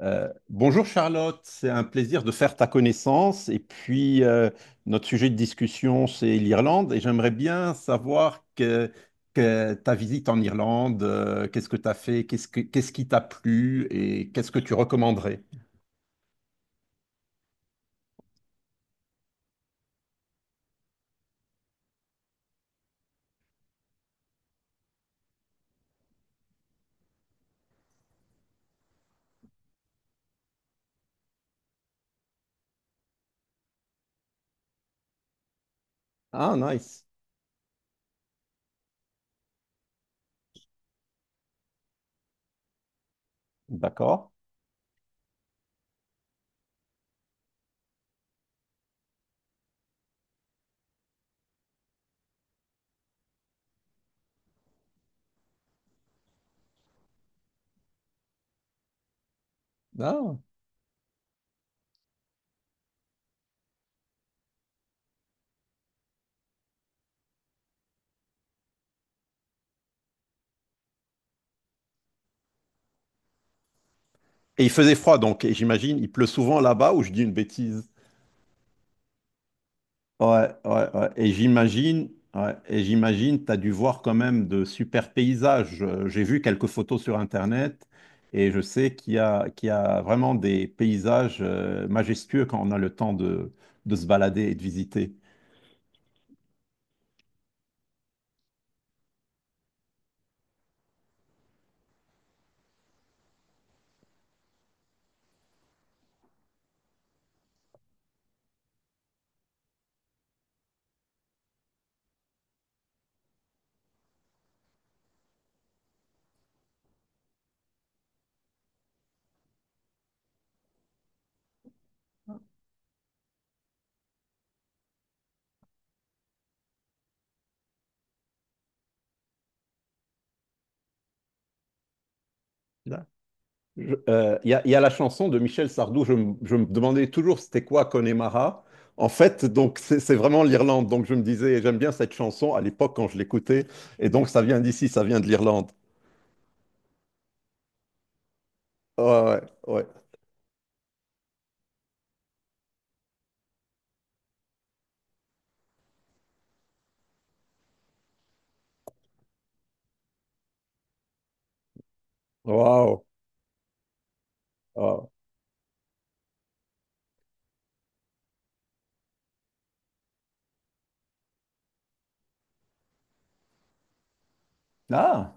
Bonjour Charlotte, c'est un plaisir de faire ta connaissance. Et puis, notre sujet de discussion, c'est l'Irlande. Et j'aimerais bien savoir que ta visite en Irlande, qu'est-ce que tu as fait, qu'est-ce qui t'a plu et qu'est-ce que tu recommanderais? Ah, nice. D'accord. Ah. Et il faisait froid, donc, et j'imagine, il pleut souvent là-bas ou je dis une bêtise? Ouais, ouais, ouais. Ouais, et j'imagine, tu as dû voir quand même de super paysages. J'ai vu quelques photos sur Internet et je sais qu'il y a vraiment des paysages majestueux quand on a le temps de se balader et de visiter. Là, il y a la chanson de Michel Sardou, je me demandais toujours c'était quoi Connemara. En fait, donc c'est vraiment l'Irlande. Donc je me disais, j'aime bien cette chanson à l'époque quand je l'écoutais. Et donc ça vient d'ici, ça vient de l'Irlande. Ouais, ouais, ouais. Waouh. Ah. Ah.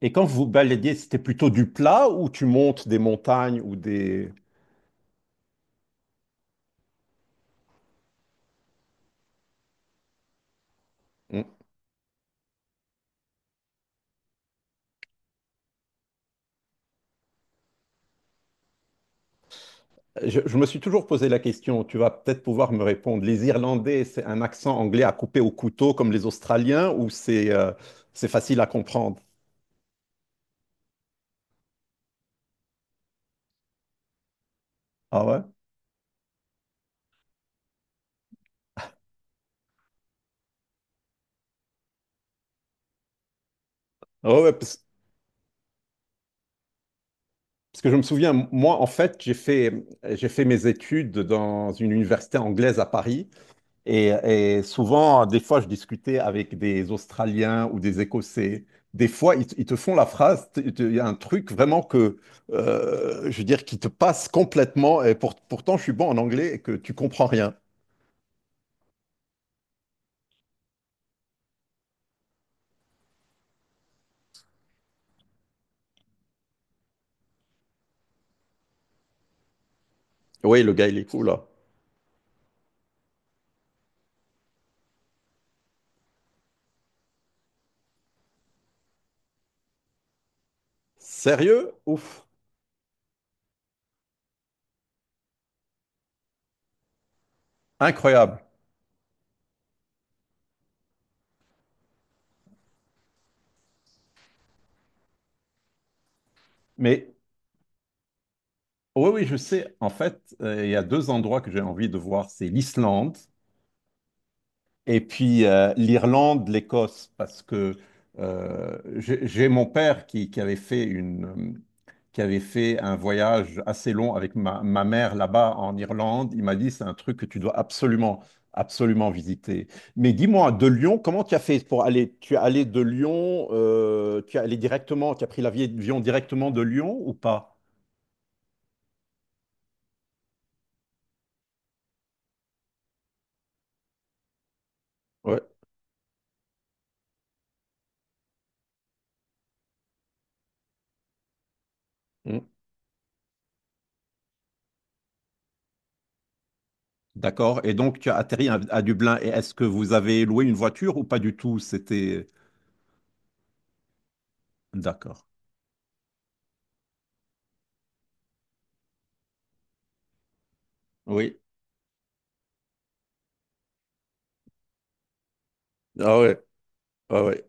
Et quand vous baladiez, c'était plutôt du plat ou tu montes des montagnes ou des... Hmm. Je me suis toujours posé la question, tu vas peut-être pouvoir me répondre. Les Irlandais, c'est un accent anglais à couper au couteau comme les Australiens ou c'est facile à comprendre? Ah ouais? Ah ouais, parce que je me souviens, moi, en fait, j'ai fait mes études dans une université anglaise à Paris. Et souvent, des fois, je discutais avec des Australiens ou des Écossais. Des fois, ils te font la phrase, il y a un truc vraiment que, je veux dire, qui te passe complètement. Et pourtant, je suis bon en anglais et que tu comprends rien. Oui, le gars, il est cool, là. Sérieux? Ouf, incroyable. Mais oui, oui, je sais. En fait, il y a deux endroits que j'ai envie de voir. C'est l'Islande. Et puis l'Irlande, l'Écosse, parce que j'ai mon père qui avait fait qui avait fait un voyage assez long avec ma mère là-bas en Irlande. Il m'a dit, c'est un truc que tu dois absolument, absolument visiter. Mais dis-moi, de Lyon, comment tu as fait pour aller? Tu es allé de Lyon, tu as pris l'avion directement de Lyon ou pas? Ouais. Mm. D'accord. Et donc, tu as atterri à Dublin. Et est-ce que vous avez loué une voiture ou pas du tout? C'était... D'accord. Oui, ah ouais, ah ouais.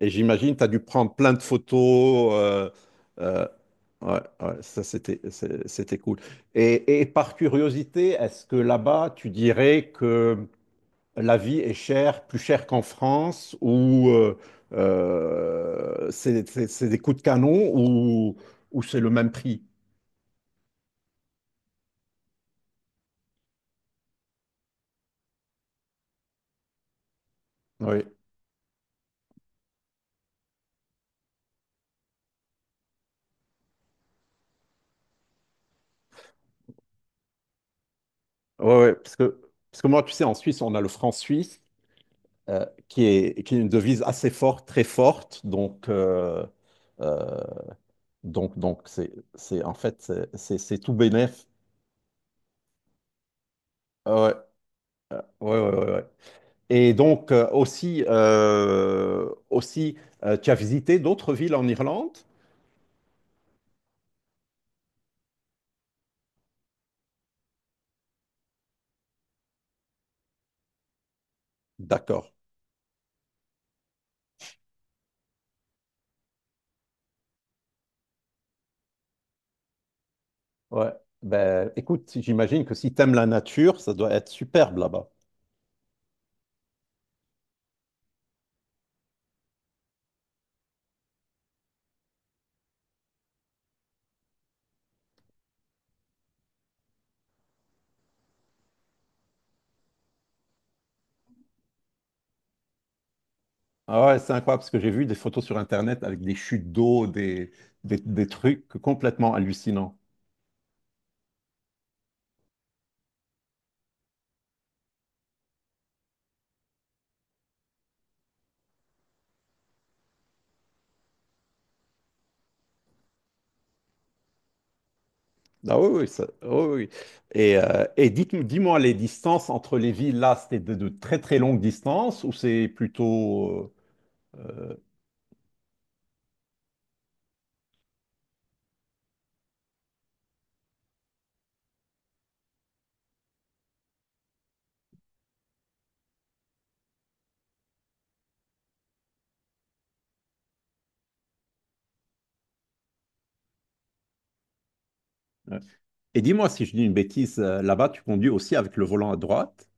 Et j'imagine, tu as dû prendre plein de photos. Euh, ouais, ouais, ça c'était cool. Et par curiosité, est-ce que là-bas, tu dirais que la vie est chère, plus chère qu'en France, ou c'est des coups de canon, ou c'est le même prix? Oui, ouais, ouais, parce que moi, tu sais, en Suisse, on a le franc suisse. Qui est une devise assez forte, très forte. Donc, euh, c'est, en fait, c'est tout bénef. Ah, ouais, ouais, ouais, ouais, ouais. Et donc, aussi, tu as visité d'autres villes en Irlande? D'accord. Ouais. Ben, écoute, j'imagine que si tu aimes la nature, ça doit être superbe là-bas. Ah ouais, c'est incroyable parce que j'ai vu des photos sur Internet avec des chutes d'eau, des trucs complètement hallucinants. Ah oui, oui, oui, oui, oui. Et dis-moi, les distances entre les villes, là, c'était de très très longues distances ou c'est plutôt... euh, ouais. Et dis-moi si je dis une bêtise, là-bas, tu conduis aussi avec le volant à droite?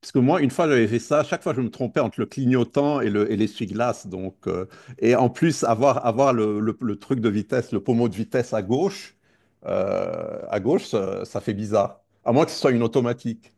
Parce que moi, une fois, j'avais fait ça. Chaque fois, je me trompais entre le clignotant et le, et l'essuie-glace. Donc, et en plus, avoir le truc de vitesse, le pommeau de vitesse à gauche, ça fait bizarre. À moins que ce soit une automatique.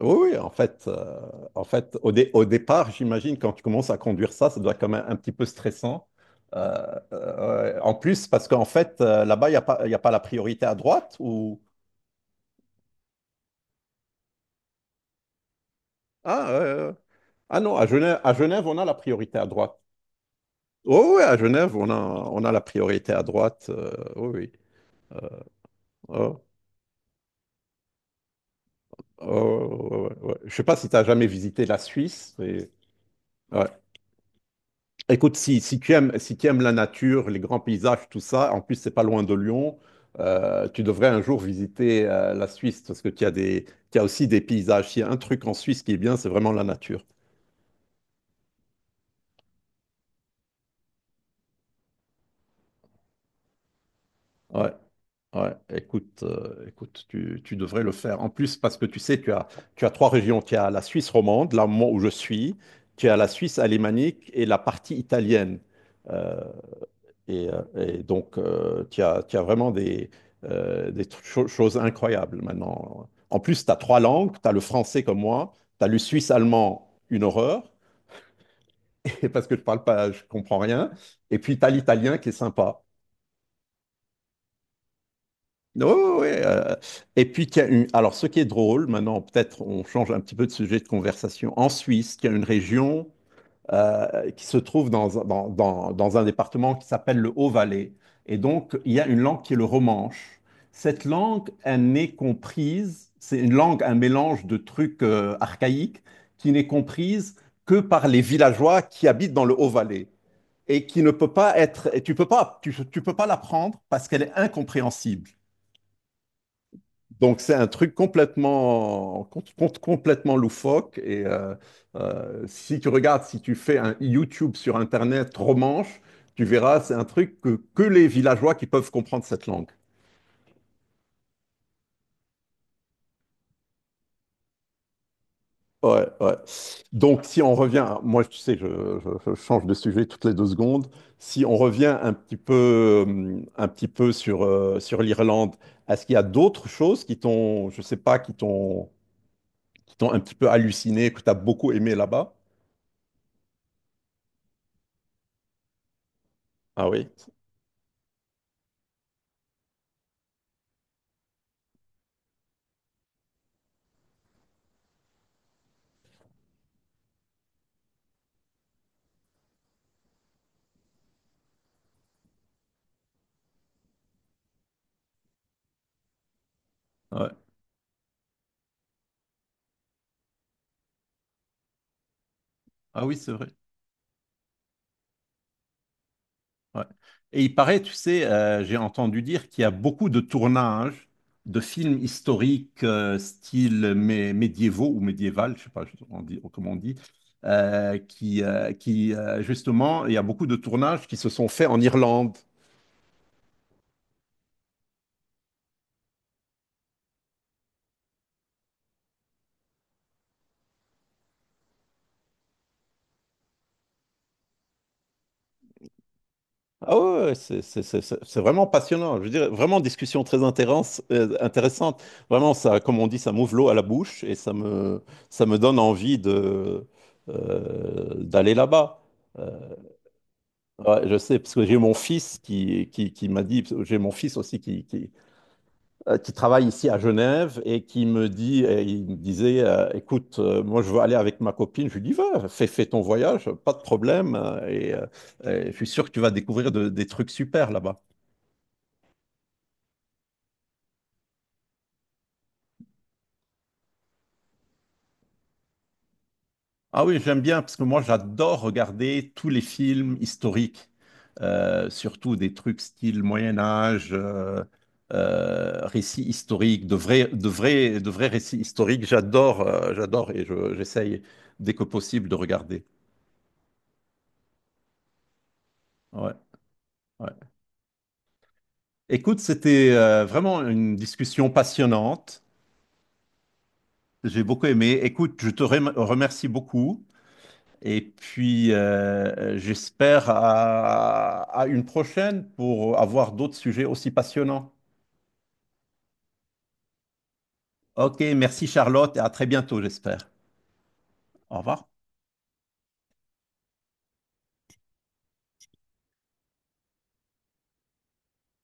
Oui, oui, en fait, au départ, j'imagine, quand tu commences à conduire ça, ça doit être quand même un petit peu stressant. Euh, ouais, en plus, parce qu'en fait, là-bas, il y a pas la priorité à droite ou... Ah, euh, ah non, à Genève, on a la priorité à droite. Oh, ouais, à Genève, on a la priorité à droite. Oui, oui. Oh, oh, ouais, ouais, ouais, ouais. Je sais pas si tu as jamais visité la Suisse. Ouais. Écoute, si tu aimes la nature, les grands paysages, tout ça, en plus, c'est pas loin de Lyon, tu devrais un jour visiter la Suisse parce que tu as aussi des paysages. Il y a un truc en Suisse qui est bien, c'est vraiment la nature. Ouais. Ouais, écoute, tu devrais le faire. En plus, parce que tu sais, tu as trois régions. Tu as la Suisse romande, là moi, où je suis, tu as la Suisse alémanique et la partie italienne. Euh, et donc, tu as vraiment des choses incroyables maintenant. En plus, tu as trois langues. Tu as le français comme moi, tu as le suisse-allemand, une horreur, parce que je parle pas, je comprends rien. Et puis, tu as l'italien qui est sympa. Oui, oui, et puis, qu'il y a une- alors ce qui est drôle, maintenant peut-être on change un petit peu de sujet de conversation, en Suisse, il y a une région qui se trouve dans un département qui s'appelle le Haut-Valais. Et donc, il y a une langue qui est le romanche. Cette langue, elle n'est comprise, c'est une langue, un mélange de trucs archaïques, qui n'est comprise que par les villageois qui habitent dans le Haut-Valais et qui ne peut pas être, et tu peux pas, tu peux pas l'apprendre parce qu'elle est incompréhensible. Donc c'est un truc complètement, complètement loufoque. Et si tu fais un YouTube sur Internet romanche, tu verras, c'est un truc que les villageois qui peuvent comprendre cette langue. Ouais, ouais. Donc si on revient, moi tu sais, je change de sujet toutes les deux secondes. Si on revient un petit peu sur, sur l'Irlande, est-ce qu'il y a d'autres choses qui t'ont, je sais pas, qui t'ont un petit peu halluciné, que tu as beaucoup aimé là-bas? Ah oui. Ah oui, c'est vrai. Ouais. Et il paraît, tu sais, j'ai entendu dire qu'il y a beaucoup de tournages de films historiques, style médiévaux ou médiéval, je sais pas comment on dit, qui justement, il y a beaucoup de tournages qui se sont faits en Irlande. Ah ouais, ouais, c'est vraiment passionnant. Je veux dire, vraiment discussion très intéressante. Vraiment, ça, comme on dit, ça m'ouvre l'eau à la bouche et ça me donne envie d'aller là-bas. Ouais, je sais, parce que j'ai mon fils qui m'a dit, j'ai mon fils aussi qui travaille ici à Genève et qui me dit, et il me disait, écoute, moi je veux aller avec ma copine. Je lui dis, va, fais ton voyage, pas de problème, et je suis sûr que tu vas découvrir des trucs super là-bas. Ah oui, j'aime bien parce que moi j'adore regarder tous les films historiques, surtout des trucs style Moyen Âge, récits historiques, de vrais récits historiques. J'adore et j'essaye dès que possible de regarder. Ouais, ouais. Écoute, c'était vraiment une discussion passionnante. J'ai beaucoup aimé. Écoute, je te remercie beaucoup. Et puis, j'espère à une prochaine pour avoir d'autres sujets aussi passionnants. Ok, merci Charlotte et à très bientôt, j'espère. Au revoir.